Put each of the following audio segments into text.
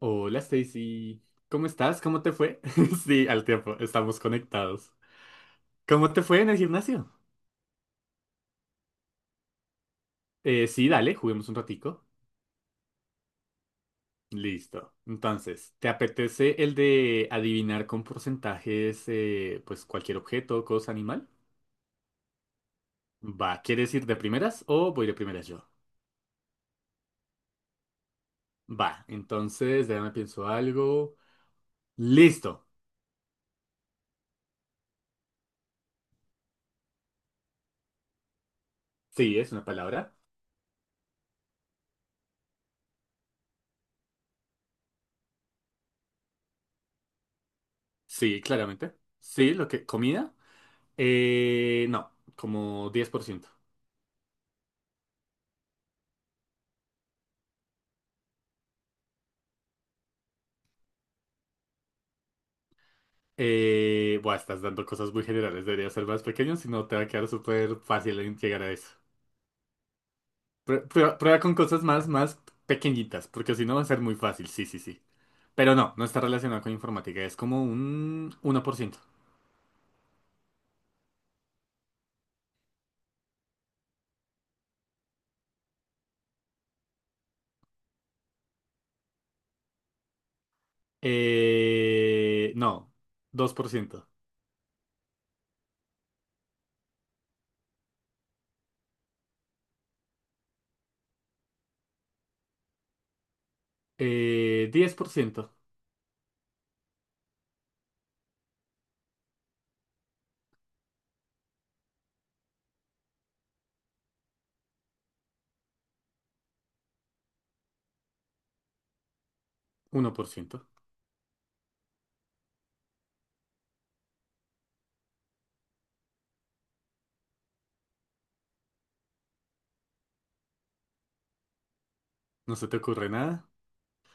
Hola Stacy, ¿cómo estás? ¿Cómo te fue? Sí, al tiempo, estamos conectados. ¿Cómo te fue en el gimnasio? Sí, dale, juguemos un ratico. Listo. Entonces, ¿te apetece el de adivinar con porcentajes, pues cualquier objeto, cosa, animal? Va, ¿quieres ir de primeras o voy de primeras yo? Va, entonces, déjame pienso algo. Listo. Sí, es una palabra. Sí, claramente. Sí, lo que, comida. No, como 10%. Buah, estás dando cosas muy generales, debería ser más pequeño, si no te va a quedar súper fácil en llegar a eso. Prueba, prueba con cosas más pequeñitas, porque si no va a ser muy fácil, sí, sí, sí. Pero no, no está relacionado con informática, es como un 1%. No, dos por ciento. Diez por ciento. Uno por ciento. ¿No se te ocurre nada?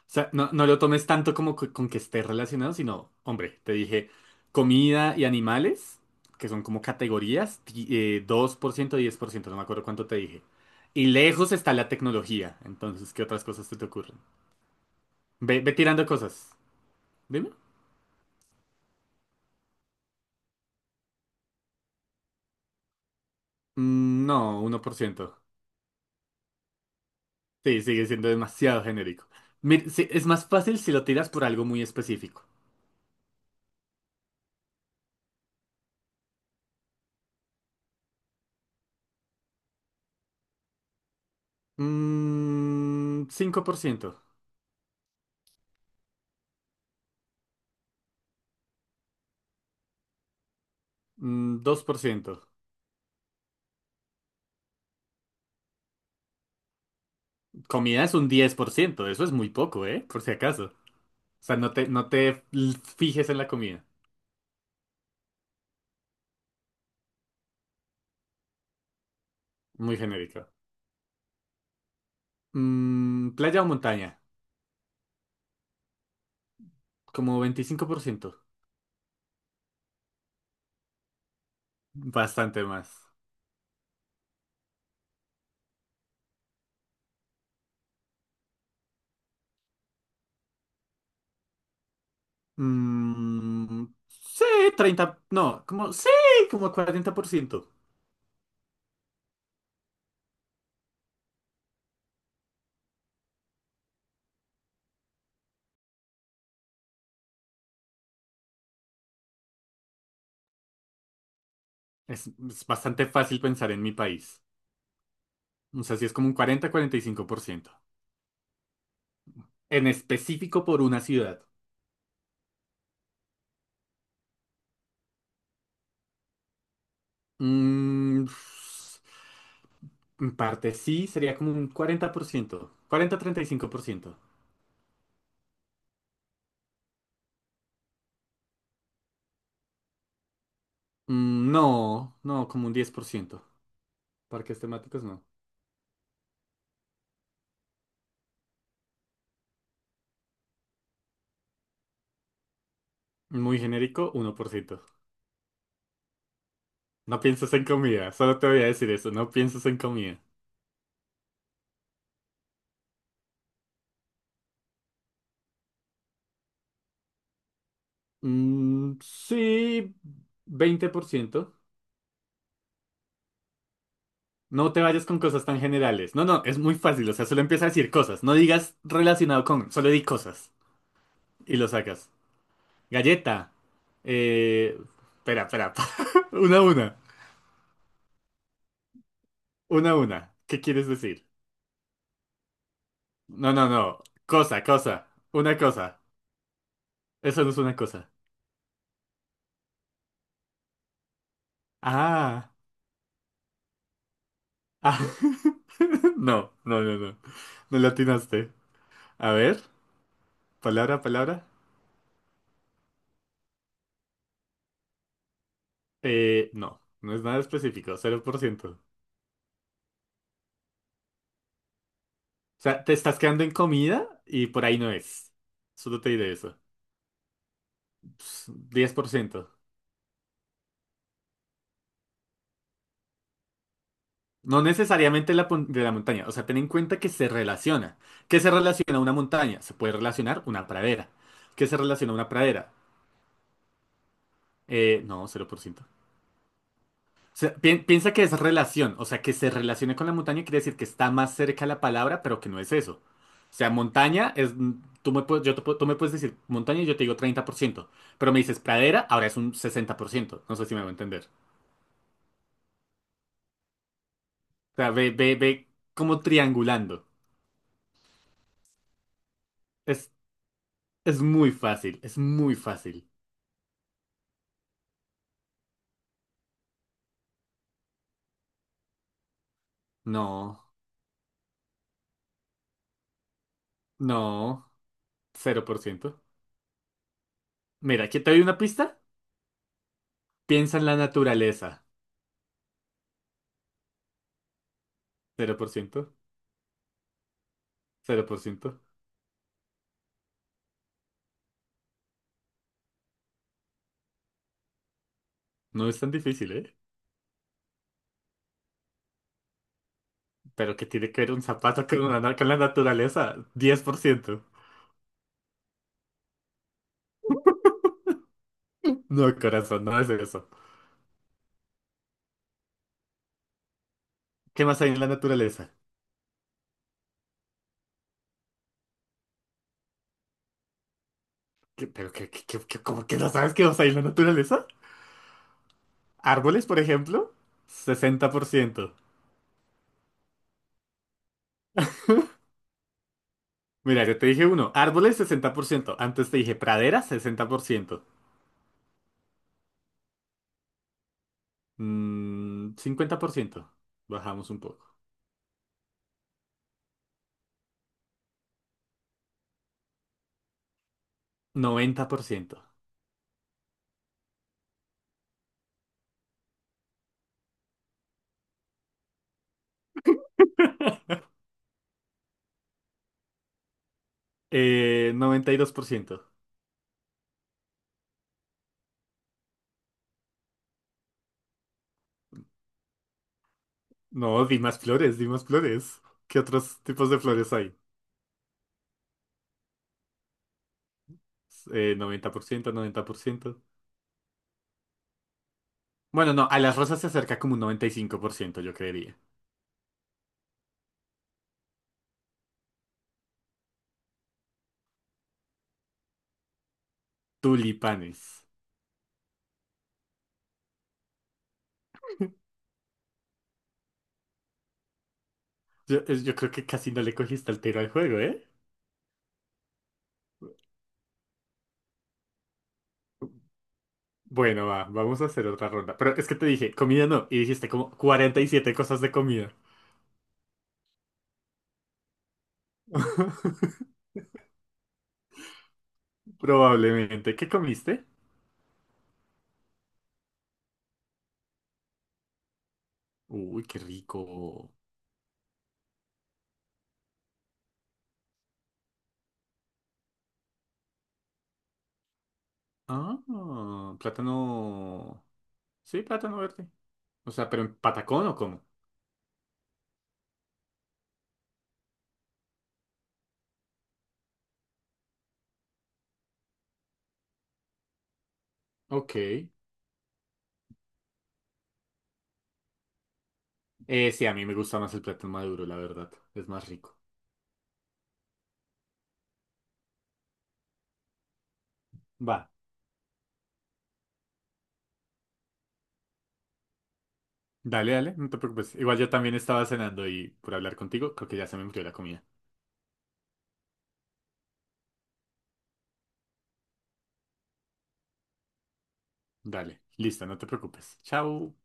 O sea, no, no lo tomes tanto como con que esté relacionado, sino, hombre, te dije comida y animales, que son como categorías, dos por ciento, diez por ciento, no me acuerdo cuánto te dije. Y lejos está la tecnología. Entonces, ¿qué otras cosas se te ocurren? Ve, ve tirando cosas. Dime. Mm, no, uno por ciento. Sí, sigue siendo demasiado genérico. Sí, es más fácil si lo tiras por algo muy específico. Mm, 5%. Mm, dos por ciento. Comida es un 10%, eso es muy poco, ¿eh? Por si acaso. O sea, no te fijes en la comida. Muy genérica. Mm, playa o montaña, como veinticinco por ciento. Bastante más. Mm, sí, 30, no, como, sí, como 40%. Es bastante fácil pensar en mi país. O sea, sí es como un cuarenta, cuarenta y cinco por ciento. En específico por una ciudad. Mm, en parte sí, sería como un 40%, 40-35%. Mm, no, no, como un 10%. Parques temáticos no. Muy genérico, uno por ciento. No pienses en comida, solo te voy a decir eso, no pienses en comida. Mm, sí, 20%. No te vayas con cosas tan generales. No, no, es muy fácil, o sea, solo empieza a decir cosas. No digas relacionado con, solo di cosas y lo sacas. Galleta. Eh, Espera, espera. Una a una. Una, una. ¿Qué quieres decir? No, no, no. Cosa, cosa. Una cosa. Eso no es una cosa. Ah. Ah. No, no, no, no. No le atinaste. A ver, palabra, palabra. No, no es nada específico, cero por ciento. O sea, te estás quedando en comida y por ahí no es. Solo te diré eso. Ps, 10%. No necesariamente de la montaña. O sea, ten en cuenta que se relaciona. ¿Qué se relaciona a una montaña? Se puede relacionar una pradera. ¿Qué se relaciona a una pradera? No, 0%. O sea, piensa que es relación, o sea, que se relacione con la montaña quiere decir que está más cerca la palabra, pero que no es eso. O sea, montaña es, mm, tú me puedes decir montaña y yo te digo treinta por ciento, pero me dices pradera, ahora es un sesenta por ciento, no sé si me va a entender. O sea, ve, ve, ve como triangulando. Es, es muy fácil, es muy fácil. No, no, cero por ciento. Mira, aquí te doy una pista. Piensa en la naturaleza, cero cero por ciento, cero por ciento. No es tan difícil, ¿eh? Pero que tiene que ver un zapato con una con la naturaleza. Diez por ciento. No, corazón, no es eso. ¿Qué más hay en la naturaleza? Cómo que no sabes qué más hay en la naturaleza? ¿Árboles, por ejemplo? Sesenta por ciento. Mira, yo te dije uno. Árboles, sesenta por ciento. Antes te dije praderas, 60%. Mm, cincuenta por ciento. Bajamos un poco. Noventa por ciento. Noventa y dos por ciento. No, di más flores, di más flores. ¿Qué otros tipos de flores hay? Noventa por ciento, noventa por ciento. Bueno, no, a las rosas se acerca como un noventa y cinco por ciento, yo creería. Tulipanes. Yo, yo creo que casi no le cogiste el tiro al juego, ¿eh? Bueno, va, vamos a hacer otra ronda. Pero es que te dije, comida no, y dijiste como 47 cosas de comida. Probablemente. ¿Qué comiste? Uy, qué rico. Ah, plátano. Sí, plátano verde. O sea, ¿pero en patacón o cómo? Ok. Sí, a mí me gusta más el plátano maduro, la verdad. Es más rico. Va. Dale, dale, no te preocupes. Igual yo también estaba cenando y por hablar contigo, creo que ya se me enfrió la comida. Dale, listo, no te preocupes. Chao.